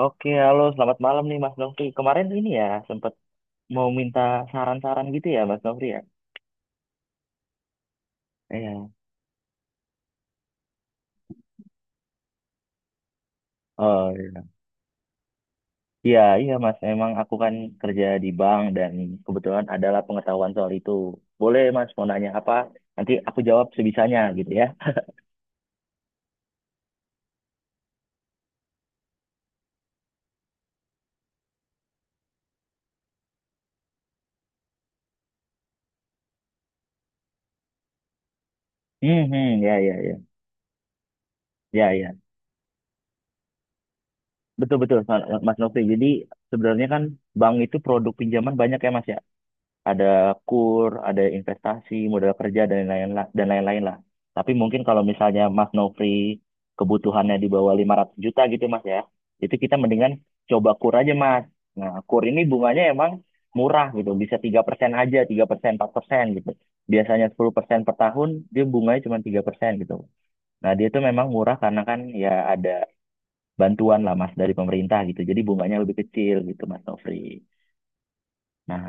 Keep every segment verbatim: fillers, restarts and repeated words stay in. Oke, halo, selamat malam nih Mas Nofri. Kemarin ini ya sempat mau minta saran-saran gitu ya Mas Nofri ya. Iya. Oh, iya iya Mas, emang aku kan kerja di bank dan kebetulan adalah pengetahuan soal itu. Boleh Mas mau nanya apa? Nanti aku jawab sebisanya gitu ya. Hmm, hmm, ya ya ya. Ya ya. Betul betul Mas Mas Nofri. Jadi sebenarnya kan bank itu produk pinjaman banyak ya Mas ya. Ada kur, ada investasi, modal kerja dan lain-lain lah, dan lain-lain lah. Tapi mungkin kalau misalnya Mas Nofri kebutuhannya di bawah lima ratus juta gitu Mas ya, itu kita mendingan coba kur aja Mas. Nah, kur ini bunganya emang murah gitu, bisa tiga persen aja, tiga persen, empat persen gitu. Biasanya sepuluh persen per tahun, dia bunganya cuma tiga persen gitu. Nah, dia itu memang murah karena kan ya ada bantuan lah Mas dari pemerintah gitu. Jadi bunganya lebih kecil gitu Mas Nofri. Nah,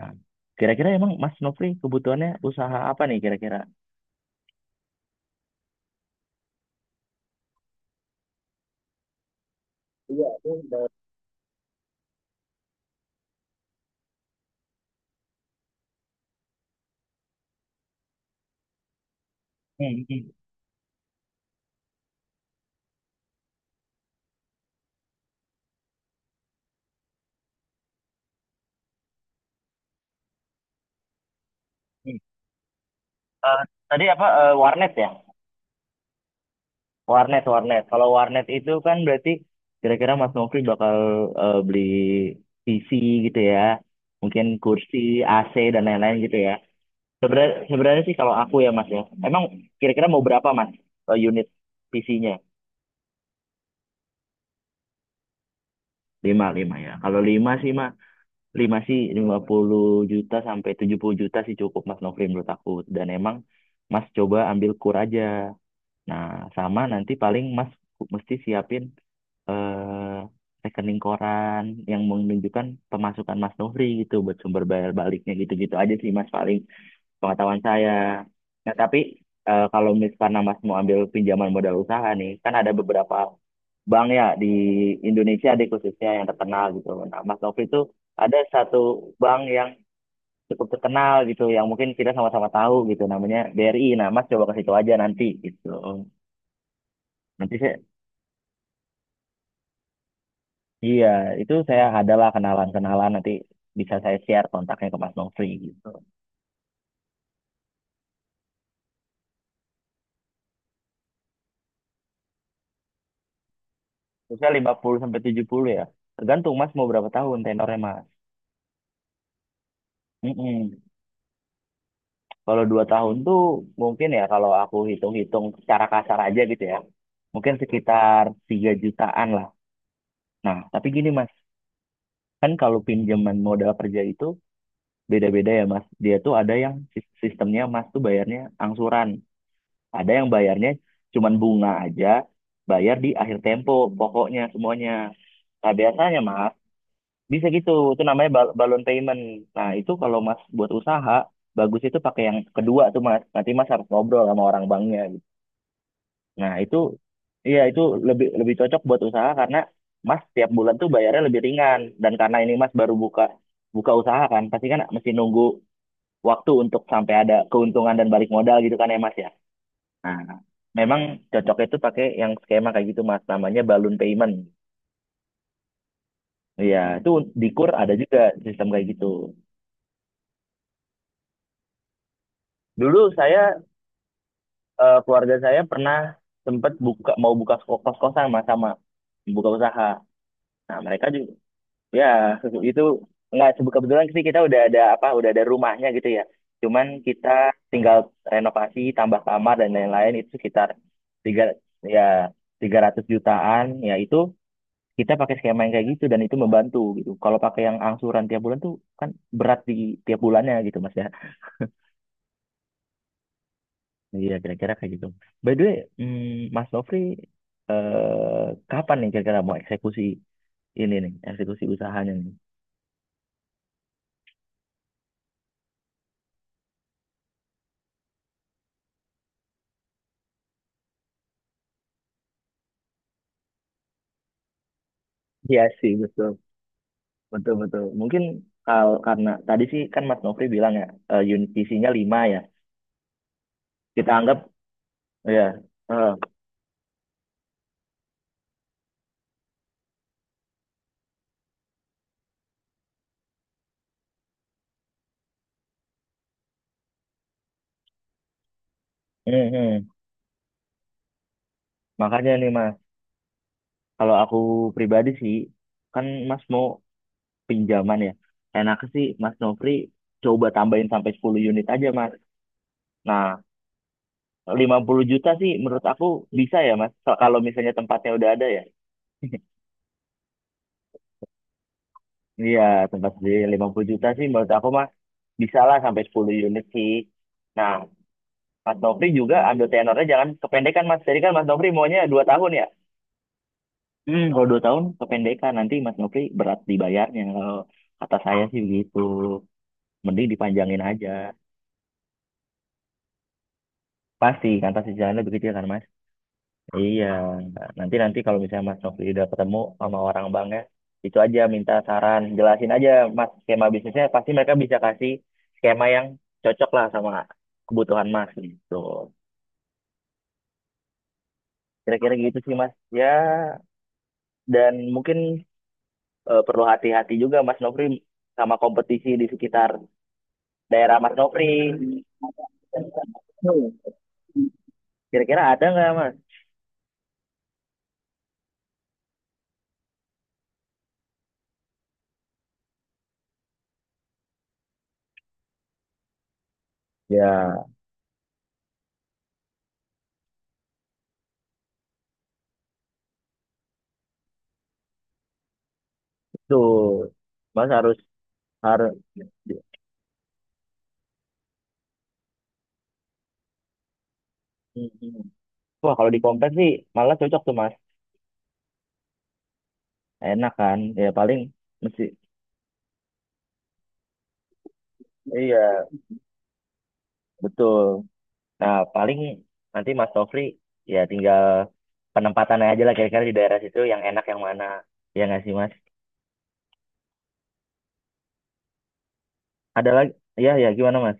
kira-kira emang Mas Nofri kebutuhannya usaha apa nih kira-kira? Iya. itu udah- Hmm, hmm, hmm. Eh, tadi apa eh, warnet ya? Warnet, warnet. Kalau warnet itu kan berarti kira-kira Mas Nofri bakal eh, beli P C gitu ya, mungkin kursi, A C dan lain-lain gitu ya. Sebenarnya, sebenarnya sih kalau aku ya Mas ya, emang kira-kira mau berapa Mas eh, unit P C-nya? Lima, lima ya. Kalau lima sih Mas. Lima sih lima puluh juta sampai tujuh puluh juta sih cukup Mas Nofri menurut aku, dan emang Mas coba ambil kur aja. Nah, sama nanti paling Mas ku- mesti siapin eh, rekening koran yang menunjukkan pemasukan Mas Nofri gitu, buat sumber bayar baliknya. Gitu-gitu aja sih Mas paling pengetahuan saya. Nah, tapi eh, kalau misalnya Mas mau ambil pinjaman modal usaha nih, kan ada beberapa bank ya di Indonesia deh khususnya yang terkenal gitu. Nah, Mas Novi itu ada satu bank yang cukup terkenal gitu yang mungkin kita sama-sama tahu gitu, namanya B R I. Nah, Mas coba ke situ aja nanti gitu. Nanti saya, iya, itu saya adalah kenalan-kenalan nanti, bisa saya share kontaknya ke Mas Novi gitu. Terusnya lima puluh sampai tujuh puluh ya. Tergantung Mas mau berapa tahun tenornya Mas. Mm-mm. Kalau dua tahun tuh mungkin ya, kalau aku hitung-hitung secara kasar aja gitu ya. Mungkin sekitar tiga jutaan lah. Nah, tapi gini Mas, kan kalau pinjaman modal kerja itu beda-beda ya Mas. Dia tuh ada yang sis- sistemnya Mas tuh bayarnya angsuran. Ada yang bayarnya cuman bunga aja, bayar di akhir tempo, pokoknya semuanya. Nah, biasanya Mas, bisa gitu. Itu namanya bal- balloon payment. Nah, itu kalau Mas buat usaha, bagus itu pakai yang kedua tuh Mas. Nanti Mas harus ngobrol sama orang banknya. Nah, itu iya, itu lebih lebih cocok buat usaha karena Mas tiap bulan tuh bayarnya lebih ringan, dan karena ini Mas baru buka buka usaha kan, pasti kan mesti nunggu waktu untuk sampai ada keuntungan dan balik modal gitu kan ya Mas ya. Nah, memang cocoknya itu pakai yang skema kayak gitu Mas, namanya balloon payment. Iya, itu di K U R ada juga sistem kayak gitu. Dulu saya eh, keluarga saya pernah sempat buka mau buka kos-kosan Mas, sama buka usaha. Nah, mereka juga. Ya, se- itu nggak sebe- kebetulan sih kita udah ada apa, udah ada rumahnya gitu ya. Cuman kita tinggal renovasi, tambah kamar dan lain-lain itu sekitar tiga ya tiga ratus jutaan. Ya itu kita pakai skema yang kayak gitu, dan itu membantu gitu. Kalau pakai yang angsuran tiap bulan tuh kan berat di tiap bulannya gitu Mas ya. Iya kira-kira kayak gitu. By the way, hmm, Mas Nofri eh, kapan nih kira-kira mau eksekusi ini nih, eksekusi usahanya nih? Iya sih, betul. Betul betul. Mungkin kalau karena tadi sih kan Mas Nofri bilang ya eh, unit isinya lima ya. Kita anggap ya. eh, hmm, hmm. Makanya nih Mas, kalau aku pribadi sih kan Mas mau pinjaman ya. Enak sih Mas Nofri coba tambahin sampai sepuluh unit aja Mas. Nah, lima puluh juta sih menurut aku bisa ya Mas. Kalau kalau misalnya tempatnya udah ada ya. Iya, tempat sendiri lima puluh juta sih menurut aku Mas bisa lah sampai sepuluh unit sih. Nah, Mas Nofri juga ambil tenornya jangan kependekan Mas. Jadi kan Mas Nofri maunya dua tahun ya? Hmm, kalau dua tahun kependekan, nanti Mas Nofri berat dibayarnya. Kalau kata saya sih begitu. Mending dipanjangin aja. Pasti kan pasti jalannya begitu ya kan Mas? Iya. Nanti nanti kalau misalnya Mas Nofri udah ketemu sama orang bank ya, itu aja minta saran, jelasin aja Mas skema bisnisnya. Pasti mereka bisa kasih skema yang cocok lah sama kebutuhan Mas gitu. Kira-kira gitu sih Mas. Ya, dan mungkin eh, perlu hati-hati juga Mas Nofri sama kompetisi di sekitar daerah Mas Nofri. Kira-kira ada nggak Mas? Ya, tuh, Mas harus harus. Wah kalau di kompleks sih malah cocok tuh Mas. Enak kan? Ya paling mesti iya. Betul. Nah paling nanti Mas Nofri ya tinggal penempatannya aja lah, kira-kira di daerah situ yang enak yang mana. Ya nggak sih Mas? Ada lagi? Ya ya gimana Mas?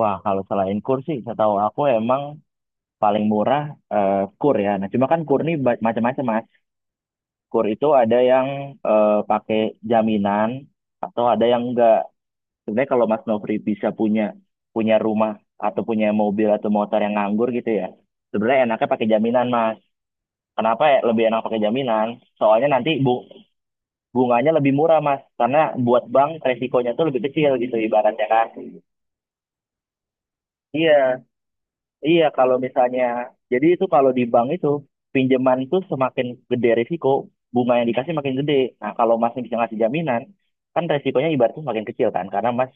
Wah, kalau selain kur sih, saya tahu aku emang paling murah eh, kur ya. Nah, cuma kan kur ini ba- macam-macam, Mas. Kur itu ada yang eh, pakai jaminan atau ada yang enggak. Sebenarnya kalau Mas Nofri bisa punya punya rumah atau punya mobil atau motor yang nganggur gitu ya, sebenarnya enaknya pakai jaminan, Mas. Kenapa ya lebih enak pakai jaminan? Soalnya nanti bu- bunganya lebih murah, Mas. Karena buat bank resikonya tuh lebih kecil gitu ibaratnya kan. Iya, iya, kalau misalnya, jadi itu kalau di bank itu pinjaman itu semakin gede risiko, bunga yang dikasih makin gede. Nah, kalau Mas bisa ngasih jaminan, kan resikonya ibaratnya makin kecil kan, karena Mas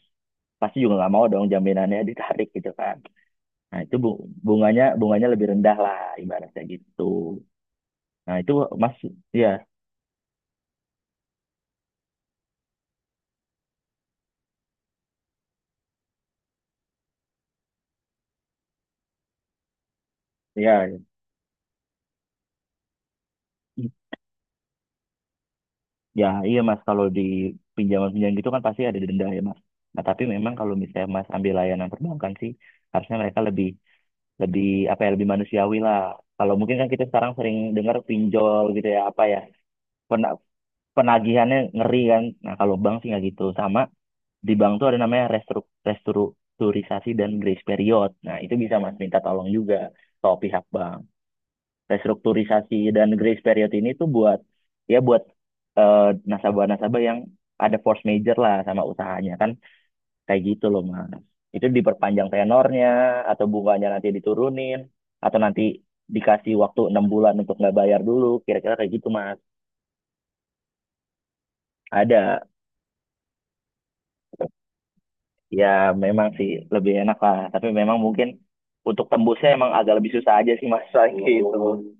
pasti juga nggak mau dong jaminannya ditarik gitu kan. Nah, itu bu- bunganya bunganya lebih rendah lah ibaratnya gitu. Nah, itu Mas, ya, ya, ya, iya Mas, kalau di pinjaman-pinjaman gitu kan pasti ada denda ya Mas. Nah, tapi memang kalau misalnya Mas ambil layanan perbankan sih, harusnya mereka lebih lebih apa ya, lebih manusiawi lah. Kalau mungkin kan kita sekarang sering dengar pinjol gitu ya apa ya, pena- penagihannya ngeri kan. Nah kalau bank sih nggak gitu. Sama di bank tuh ada namanya restru- restrukturisasi dan grace period. Nah itu bisa mas minta tolong juga ke pihak bank. Restrukturisasi dan grace period ini tuh buat ya buat eh, nasabah-nasabah yang ada force major lah sama usahanya kan. Kayak gitu loh, Mas. Itu diperpanjang tenornya, atau bunganya nanti diturunin, atau nanti dikasih waktu enam bulan untuk nggak bayar dulu, kira-kira kayak gitu, Mas. Ada, ya memang sih lebih enak lah, tapi memang mungkin untuk tembusnya emang agak lebih susah aja sih, Mas, soalnya gitu.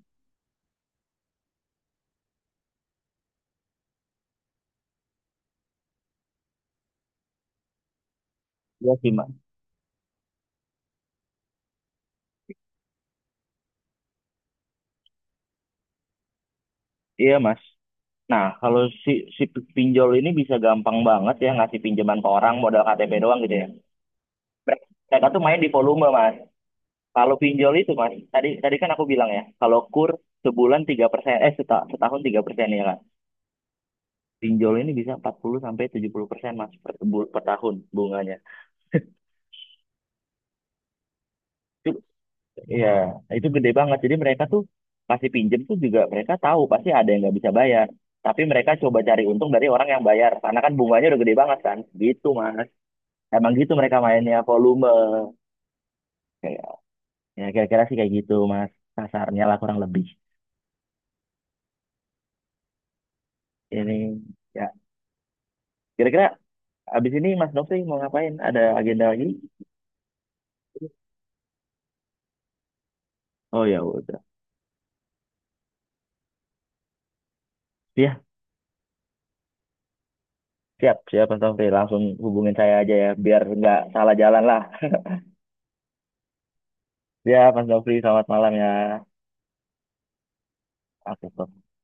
Iya sih, Mas. Iya, Mas. Nah, kalau si, si pinjol ini bisa gampang banget ya ngasih pinjaman ke orang modal K T P doang gitu ya. Mereka tuh main di volume, Mas. Kalau pinjol itu mas, tadi tadi kan aku bilang ya, kalau kur sebulan tiga persen, eh seta- setahun tiga persen ya kan. Pinjol ini bisa empat puluh sampai tujuh puluh persen mas per, bu- per tahun bunganya. Itu ya. Wow, itu gede banget. Jadi mereka tuh pasti pinjem tuh juga mereka tahu pasti ada yang nggak bisa bayar. Tapi mereka coba cari untung dari orang yang bayar, karena kan bunganya udah gede banget kan. Gitu mas. Emang gitu mereka mainnya volume. Kayak, ya kira-kira sih kayak gitu mas. Kasarnya lah kurang lebih. Ini ya kira-kira. Abis ini Mas Nofri mau ngapain? Ada agenda lagi? Oh ya udah. Ya, siap, siap Mas Nofri. Langsung hubungin saya aja ya, biar nggak salah jalan lah. Ya, Mas Nofri, selamat malam ya. Oke,